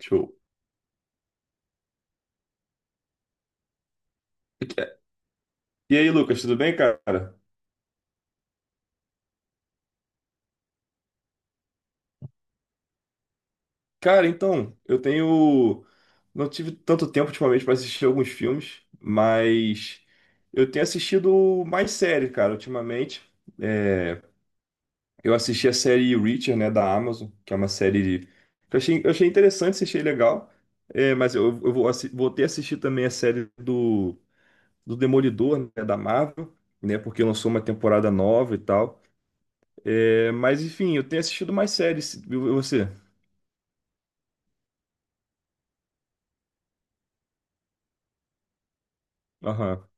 Show. E aí, Lucas, tudo bem, cara? Cara, então, eu tenho. Não tive tanto tempo ultimamente para assistir alguns filmes, mas eu tenho assistido mais séries cara, ultimamente. É, Eu assisti a série Reacher, né, da Amazon, que que eu achei interessante, achei legal. É, mas eu vou, vou ter que assistir também a série do Demolidor, né, da Marvel, né, porque lançou uma temporada nova e tal. É, mas enfim, eu tenho assistido mais séries. E você? Aham,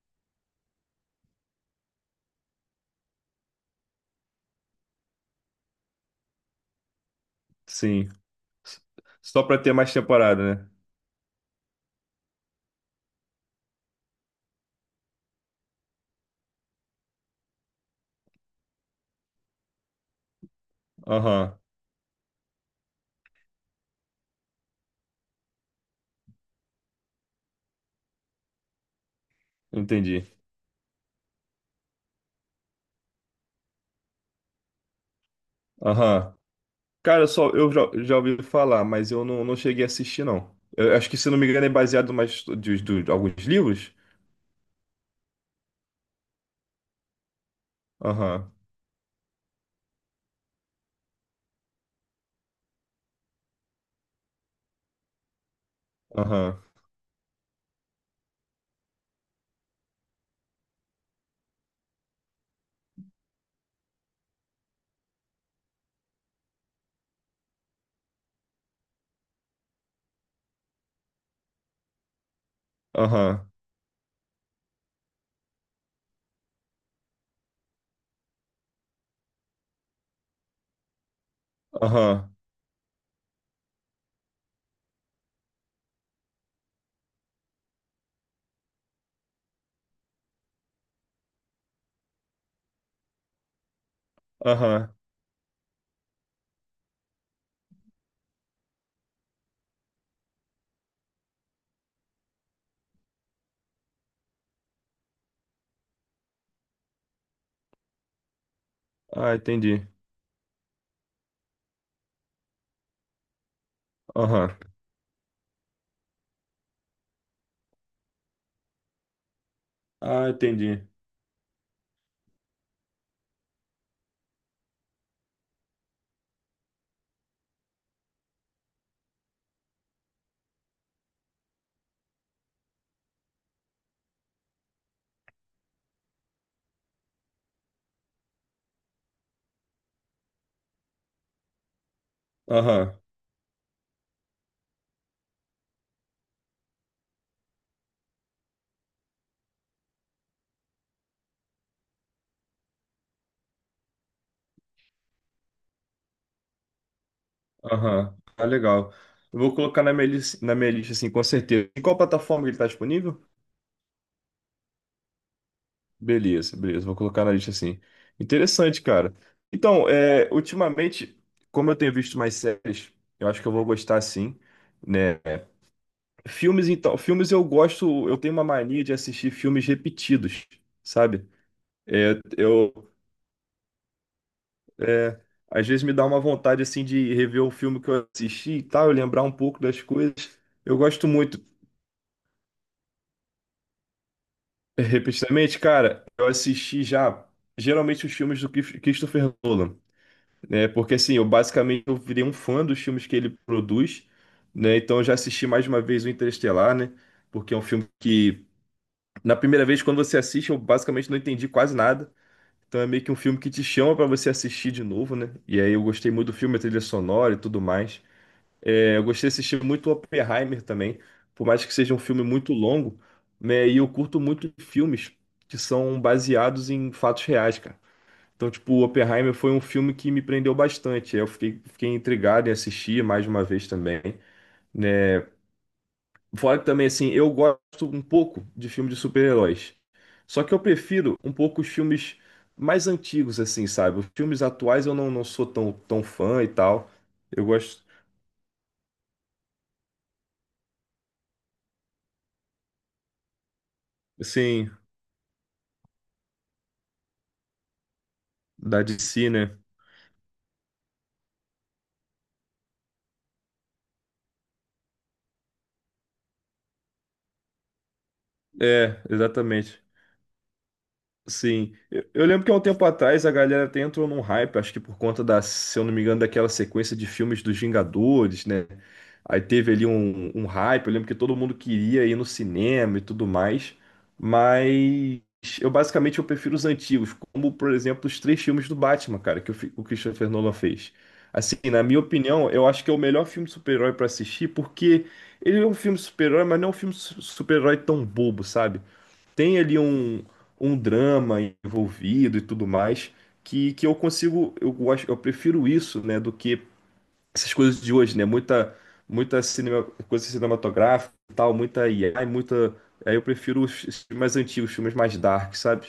sim. S- Só pra ter mais temporada, né? Aham, entendi. Aham. Cara, só eu já ouvi falar, mas eu não cheguei a assistir, não. Eu acho que, se não me engano, é baseado mais de alguns livros. Aham, aham, aham, aham, aham. Ah, entendi. Aham. Ah, entendi. Aham, aham. Ah, legal. Eu vou colocar na minha, na minha lista, assim, com certeza. Em qual plataforma ele tá disponível? Beleza, beleza. Vou colocar na lista assim. Interessante, cara. Então, é, ultimamente, como eu tenho visto mais séries, eu acho que eu vou gostar sim, né? Filmes, então, filmes eu gosto, eu tenho uma mania de assistir filmes repetidos, sabe? É, eu, é, às vezes me dá uma vontade assim de rever o filme que eu assisti e tal, eu lembrar um pouco das coisas. Eu gosto muito, repetidamente, cara. Eu assisti já geralmente os filmes do Christopher Nolan. Né? Porque assim, eu basicamente eu virei um fã dos filmes que ele produz, né? Então eu já assisti mais de uma vez o Interestelar, né? Porque é um filme que, na primeira vez, quando você assiste, eu basicamente não entendi quase nada. Então é meio que um filme que te chama pra você assistir de novo, né? E aí eu gostei muito do filme, a trilha sonora e tudo mais. É, eu gostei de assistir muito Oppenheimer também, por mais que seja um filme muito longo, né? E eu curto muito filmes que são baseados em fatos reais, cara. Então, tipo, o Oppenheimer foi um filme que me prendeu bastante. Eu fiquei intrigado em assistir mais uma vez também, né? Fora que também, assim, eu gosto um pouco de filmes de super-heróis. Só que eu prefiro um pouco os filmes mais antigos, assim, sabe? Os filmes atuais eu não sou tão fã e tal. Eu gosto, assim, da DC, né? É, exatamente. Sim, eu lembro que há um tempo atrás a galera até entrou num hype, acho que por conta da, se eu não me engano, daquela sequência de filmes dos Vingadores, né? Aí teve ali um hype, eu lembro que todo mundo queria ir no cinema e tudo mais, mas eu basicamente eu prefiro os antigos, como por exemplo os três filmes do Batman, cara, que o, o Christopher Nolan fez. Assim, na minha opinião, eu acho que é o melhor filme de super-herói pra assistir, porque ele é um filme de super-herói, mas não é um filme de super-herói tão bobo, sabe? Tem ali um drama envolvido e tudo mais, que eu consigo, eu gosto, eu prefiro isso, né, do que essas coisas de hoje, né? Muita, muita cinema, coisa cinematográfica e tal, muita IA, e muita. Aí eu prefiro os filmes mais antigos, filmes mais dark, sabe?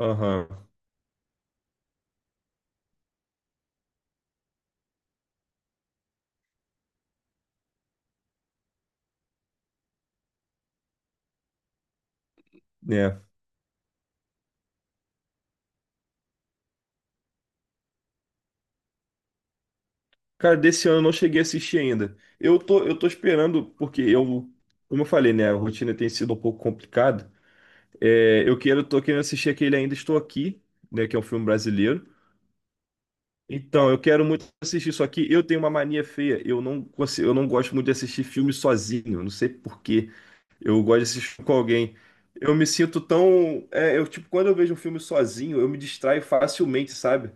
Aham, né? Cara, desse ano eu não cheguei a assistir ainda. Eu tô esperando, porque eu, como eu falei, né? A rotina tem sido um pouco complicada. É, tô querendo assistir aquele Ainda Estou Aqui, né? Que é um filme brasileiro. Então, eu quero muito assistir isso aqui. Eu tenho uma mania feia. Eu não gosto muito de assistir filme sozinho. Não sei por quê. Eu gosto de assistir com alguém. Eu me sinto tão. É, eu, tipo, quando eu vejo um filme sozinho, eu me distraio facilmente, sabe?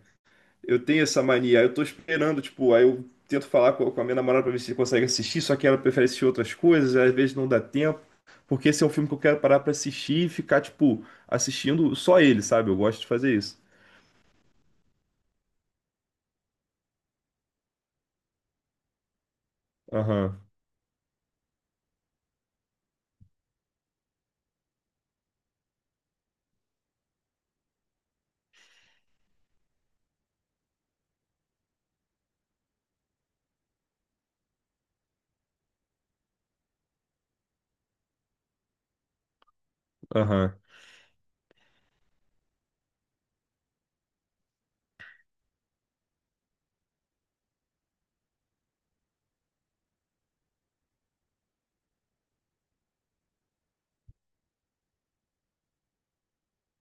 Eu tenho essa mania. Aí eu tô esperando, tipo, aí eu tento falar com a minha namorada pra ver se consegue assistir, só que ela prefere assistir outras coisas, às vezes não dá tempo. Porque esse é um filme que eu quero parar pra assistir e ficar, tipo, assistindo só ele, sabe? Eu gosto de fazer isso. Aham, aham,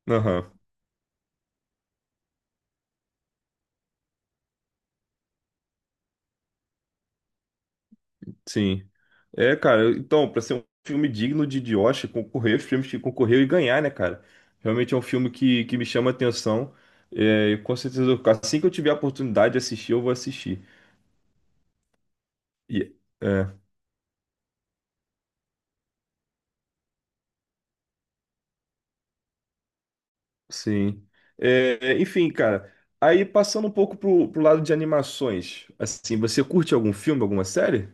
aham. Sim. É, cara, então, pra ser um filme digno de Oscar, concorrer, os filmes que concorreu e ganhar, né, cara? Realmente é um filme que me chama a atenção. É, e com certeza, eu- assim que eu tiver a oportunidade de assistir, eu vou assistir. E, é, sim. É, é, enfim, cara, aí passando um pouco pro, pro lado de animações, assim, você curte algum filme, alguma série?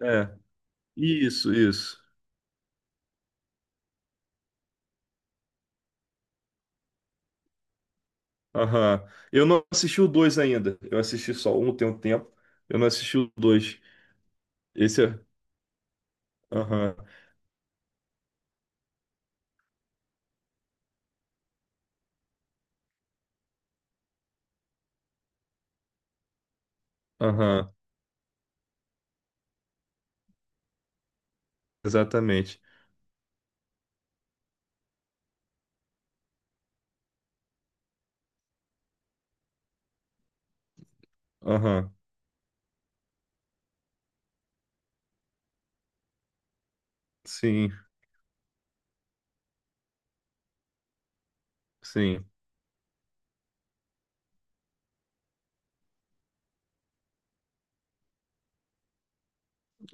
É, isso, isso. Aham. Eu não assisti o dois ainda. Eu assisti só um tem um tempo. Eu não assisti o dois. Esse é. Aham. Aham, exatamente. Aham, sim, sim.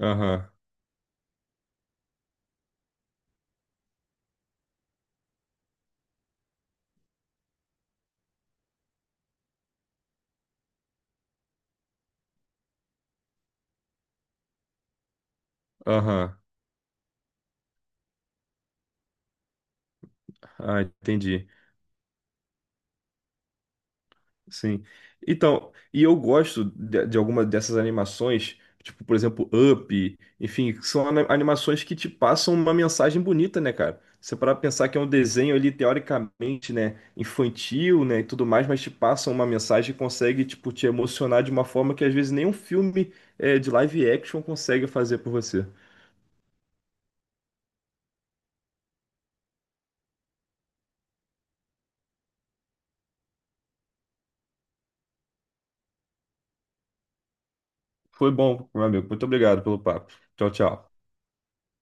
Aham, aham. Ah, entendi. Sim. Então, e eu gosto de alguma dessas animações, tipo, por exemplo, Up, enfim, que são animações que te passam uma mensagem bonita, né, cara? Você parar pra pensar que é um desenho ali, teoricamente, né, infantil, né, e tudo mais, mas te passam uma mensagem e consegue, tipo, te emocionar de uma forma que às vezes nem um filme, de live action consegue fazer por você. Foi bom, meu amigo. Muito obrigado pelo papo. Tchau, tchau.